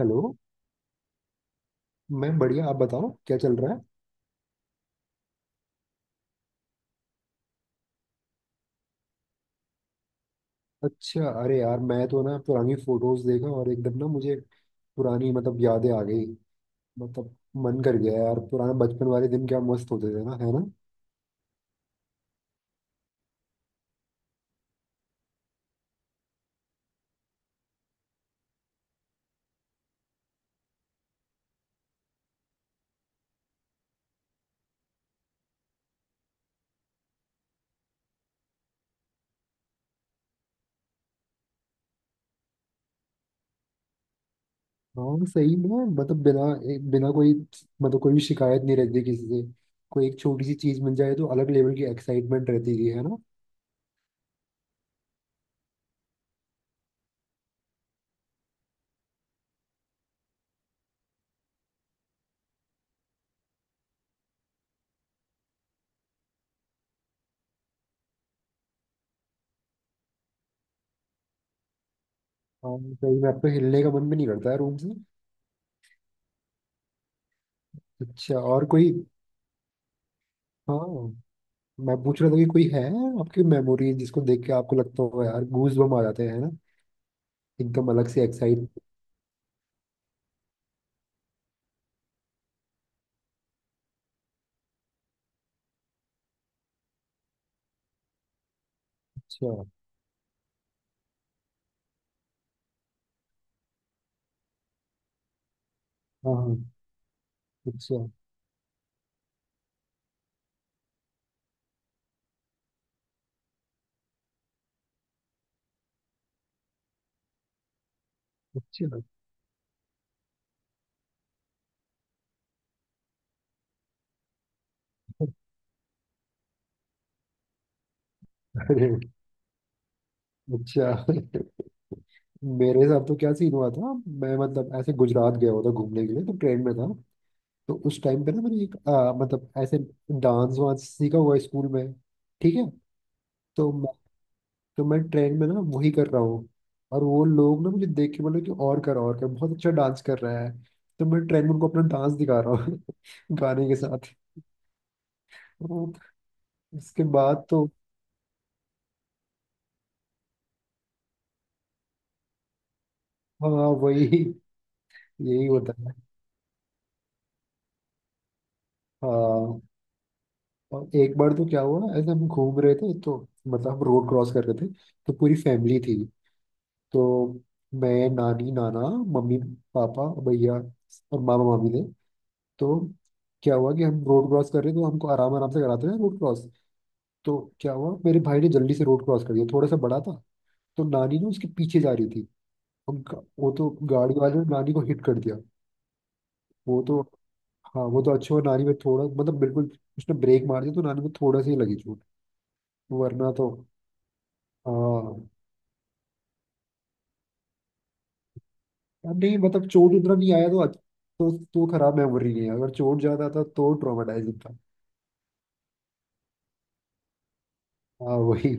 Hello. मैं बढ़िया आप बताओ क्या चल रहा है। अच्छा। अरे यार मैं तो ना पुरानी फोटोज देखा और एकदम ना मुझे पुरानी मतलब यादें आ गई। मतलब मन कर गया यार पुराने बचपन वाले दिन क्या मस्त होते थे ना है ना। हाँ सही में मतलब बिना एक बिना कोई मतलब कोई भी शिकायत नहीं रहती किसी से। कोई एक छोटी सी चीज मिल जाए तो अलग लेवल की एक्साइटमेंट रहती थी है ना। हाँ सही में आपको हिलने का मन भी नहीं करता है रूम से। अच्छा और कोई। हाँ। मैं पूछ रहा था कि कोई है आपकी मेमोरी जिसको देख के आपको लगता हो यार गूज बम आ जाते हैं ना। एकदम अलग से एक्साइट। अच्छा। हाँ हाँ। अच्छा। अच्छा। अरे। अच्छा। मेरे साथ तो क्या सीन हुआ था। मैं मतलब ऐसे गुजरात गया हुआ था घूमने के लिए तो ट्रेन में था। तो उस टाइम पे ना मैंने एक मतलब ऐसे डांस वांस सीखा हुआ है स्कूल में। ठीक है। तो तो मैं ट्रेन में ना वही कर रहा हूँ। और वो लोग ना मुझे देख के बोले कि और कर बहुत अच्छा डांस कर रहा है। तो मैं ट्रेन में उनको अपना डांस दिखा रहा हूँ गाने के साथ। तो इसके बाद तो। हाँ वही। यही होता है। हाँ। और एक बार तो क्या हुआ ऐसे हम घूम रहे थे तो मतलब हम रोड क्रॉस कर रहे थे। तो पूरी फैमिली थी। तो मैं नानी नाना मम्मी पापा भैया और मामा मामी थे। तो क्या हुआ कि हम रोड क्रॉस कर रहे थे तो हमको आराम आराम से कराते हैं रोड क्रॉस। तो क्या हुआ मेरे भाई ने जल्दी से रोड क्रॉस कर दिया थोड़ा सा बड़ा था। तो नानी ना उसके पीछे जा रही थी। उनका वो तो गाड़ी वाले ने नानी को हिट कर दिया। वो तो हाँ वो तो अच्छा हुआ नानी में थोड़ा मतलब बिल्कुल। उसने ब्रेक मार दिया तो नानी में थोड़ा सा ही लगी चोट। वरना तो। हाँ। यार नहीं मतलब चोट उतना नहीं आया तो तो खराब मेमोरी नहीं है अगर चोट ज्यादा था तो ट्रॉमेटाइजिंग था। हाँ वही।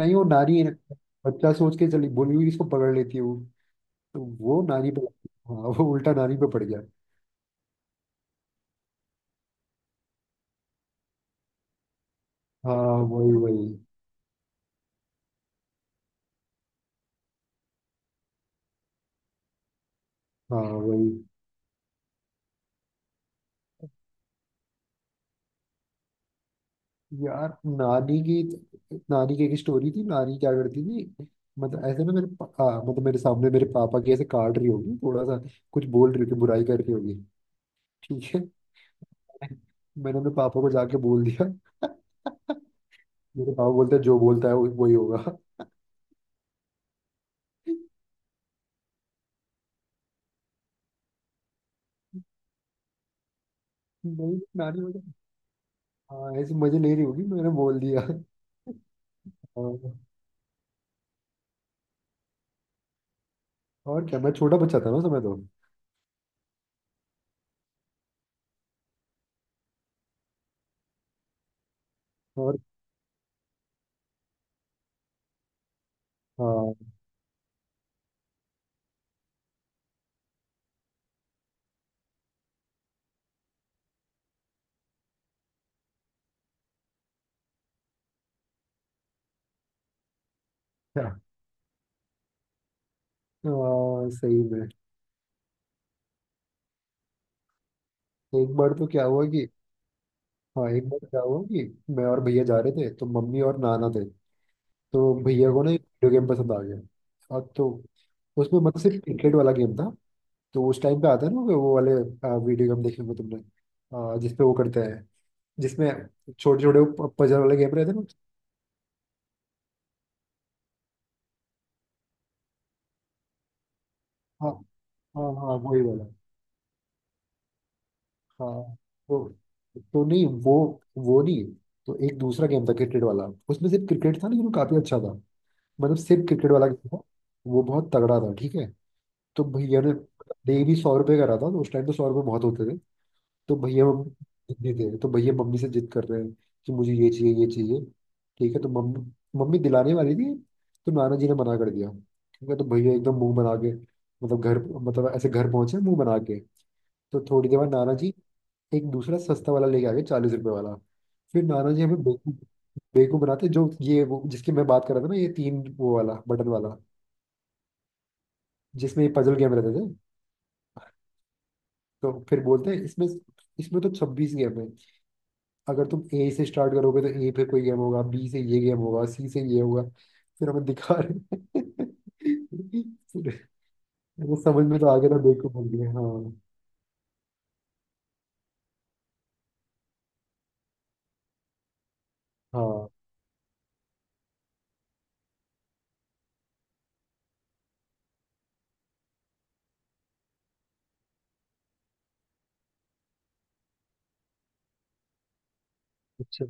नहीं वो नानी है ना, बच्चा सोच के चली बोली हुई इसको पकड़ लेती है वो। तो वो नानी पे। हाँ वो उल्टा नानी पे पड़ गया। हाँ वही वही। हाँ वही। यार नानी की एक स्टोरी थी नानी क्या करती थी। मतलब ऐसे ना हाँ, मतलब मेरे सामने मेरे पापा की ऐसे काट रही होगी थोड़ा सा। कुछ बोल रही होगी बुराई कर रही होगी। ठीक है। मैंने अपने पापा को जाके बोल दिया। मेरे पापा बोलते हैं जो बोलता है वही होगा। नहीं नानी बोले। हाँ ऐसे मजे ले रही होगी मैंने बोल दिया। और, और, क्या मैं छोटा बच्चा था ना उस समय तो। और हाँ। क्या। हाँ सही में। एक बार तो क्या हुआ कि। हाँ एक बार क्या हुआ कि मैं और भैया जा रहे थे तो मम्मी और नाना थे। तो भैया को ना एक वीडियो गेम पसंद आ गया। अब तो। उसमें मतलब सिर्फ क्रिकेट वाला गेम था। तो उस टाइम पे आता है ना वो वाले वीडियो गेम देखे होंगे तुमने। जिसपे वो करते हैं जिसमें छोटे छोटे पजल वाले गेम रहते हैं ना। हाँ हाँ हाँ। वही वाला। हाँ। तो। तो नहीं वो। वो नहीं। तो एक दूसरा गेम था क्रिकेट वाला उसमें सिर्फ क्रिकेट था लेकिन वो काफी अच्छा था। मतलब सिर्फ क्रिकेट वाला गेम था। वो बहुत तगड़ा था ठीक है। तो भैया ने डेली 100 रुपये का रहा था तो उस टाइम तो 100 रुपये बहुत होते थे। तो भैया मम्मी देते थे तो भैया मम्मी से जिद कर रहे हैं कि मुझे ये चाहिए ये चाहिए। ठीक है तो मम्मी मम्मी दिलाने वाली थी। तो नाना जी ने मना कर दिया। ठीक है तो भैया एकदम मुंह बना के मतलब घर मतलब ऐसे घर पहुंचे मुंह बना के। तो थोड़ी देर बाद नाना जी एक दूसरा सस्ता वाला लेके आ गए 40 रुपए वाला। फिर नाना जी हमें बेवकूफ बेवकूफ बनाते जो ये वो जिसकी मैं बात कर रहा था ना ये तीन वो वाला बटन वाला जिसमें ये पजल गेम रहते थे। तो फिर बोलते हैं इसमें इसमें तो 26 गेम है। अगर तुम ए से स्टार्ट करोगे तो ए पे कोई गेम होगा बी से ये गेम होगा सी से ये होगा फिर हमें दिखा रहे हैं। फिर वो समझ में तो आ गया था बेवकूफ बन गया हाँ। हाँ। अच्छा।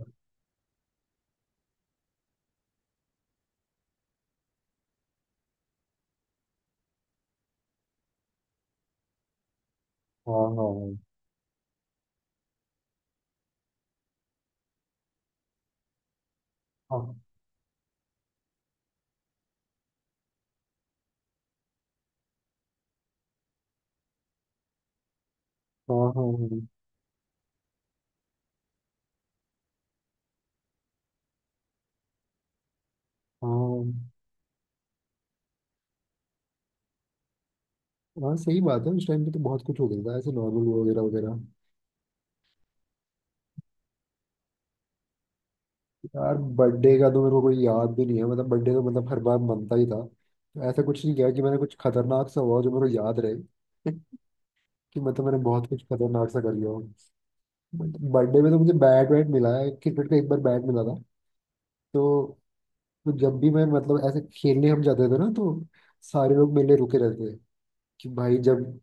हाँ हाँ हाँ हाँ हाँ हाँ। हाँ सही बात है उस टाइम पे तो बहुत कुछ हो गया था ऐसे नॉर्मल वगैरह वगैरह। यार बर्थडे का तो मेरे को कोई याद भी नहीं है मतलब बर्थडे तो मतलब हर बार मनता ही था तो ऐसा कुछ नहीं किया कि मैंने कुछ खतरनाक सा हुआ हो जो मेरे को याद रहे। कि मतलब मैंने बहुत कुछ खतरनाक सा कर लिया हूँ। बर्थडे में तो मुझे बैट वैट मिला है क्रिकेट का एक बार बैट मिला था। तो, तो जब भी मैं मतलब ऐसे खेलने हम जाते थे ना तो सारे लोग मेरे लिए रुके रहते थे। कि भाई जब।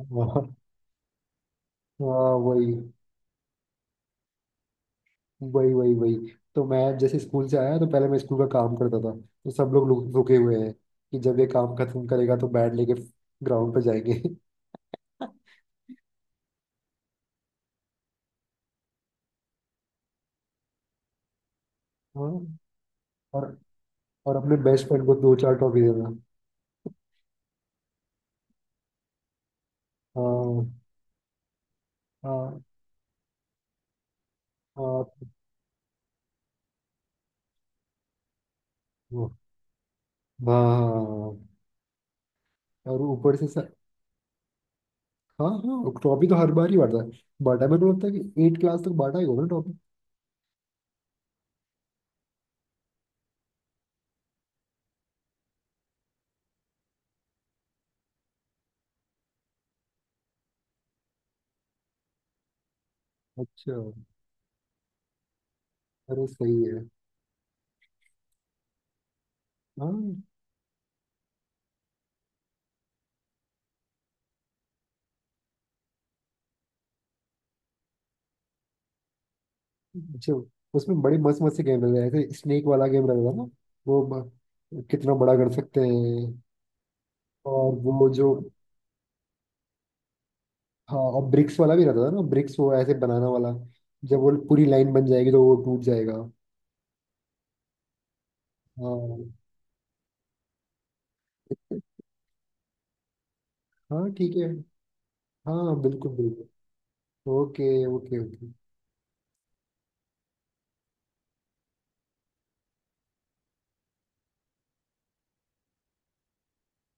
हाँ हाँ, वही वही वही वही। तो मैं जैसे स्कूल से आया तो पहले मैं स्कूल का काम करता था। तो सब लोग रुके हुए हैं। कि जब ये काम खत्म करेगा तो बैट लेके ग्राउंड पे जाएंगे हाँ। और और अपने बेस्ट फ्रेंड को दो चार टॉफी देना। हाँ हाँ हाँ हाँ हाँ, और ऊपर से सर। हाँ हाँ ट्रॉफी तो हर बार ही बांटा है। बांटा है मेरे को लगता है कि 8 क्लास तक बांटा ही होगा ना ट्रॉफी। अच्छा। अरे सही है। हाँ। अच्छा। उसमें बड़े मस्त मस्त से गेम रहते हैं ऐसे स्नेक वाला गेम रहता था ना। कितना बड़ा कर सकते हैं। और वो जो। हाँ और ब्रिक्स वाला भी रहता था ना ब्रिक्स वो ऐसे बनाना वाला। जब वो पूरी लाइन बन जाएगी तो वो टूट जाएगा। हाँ हाँ ठीक है। हाँ बिल्कुल बिल्कुल। Okay okay okay.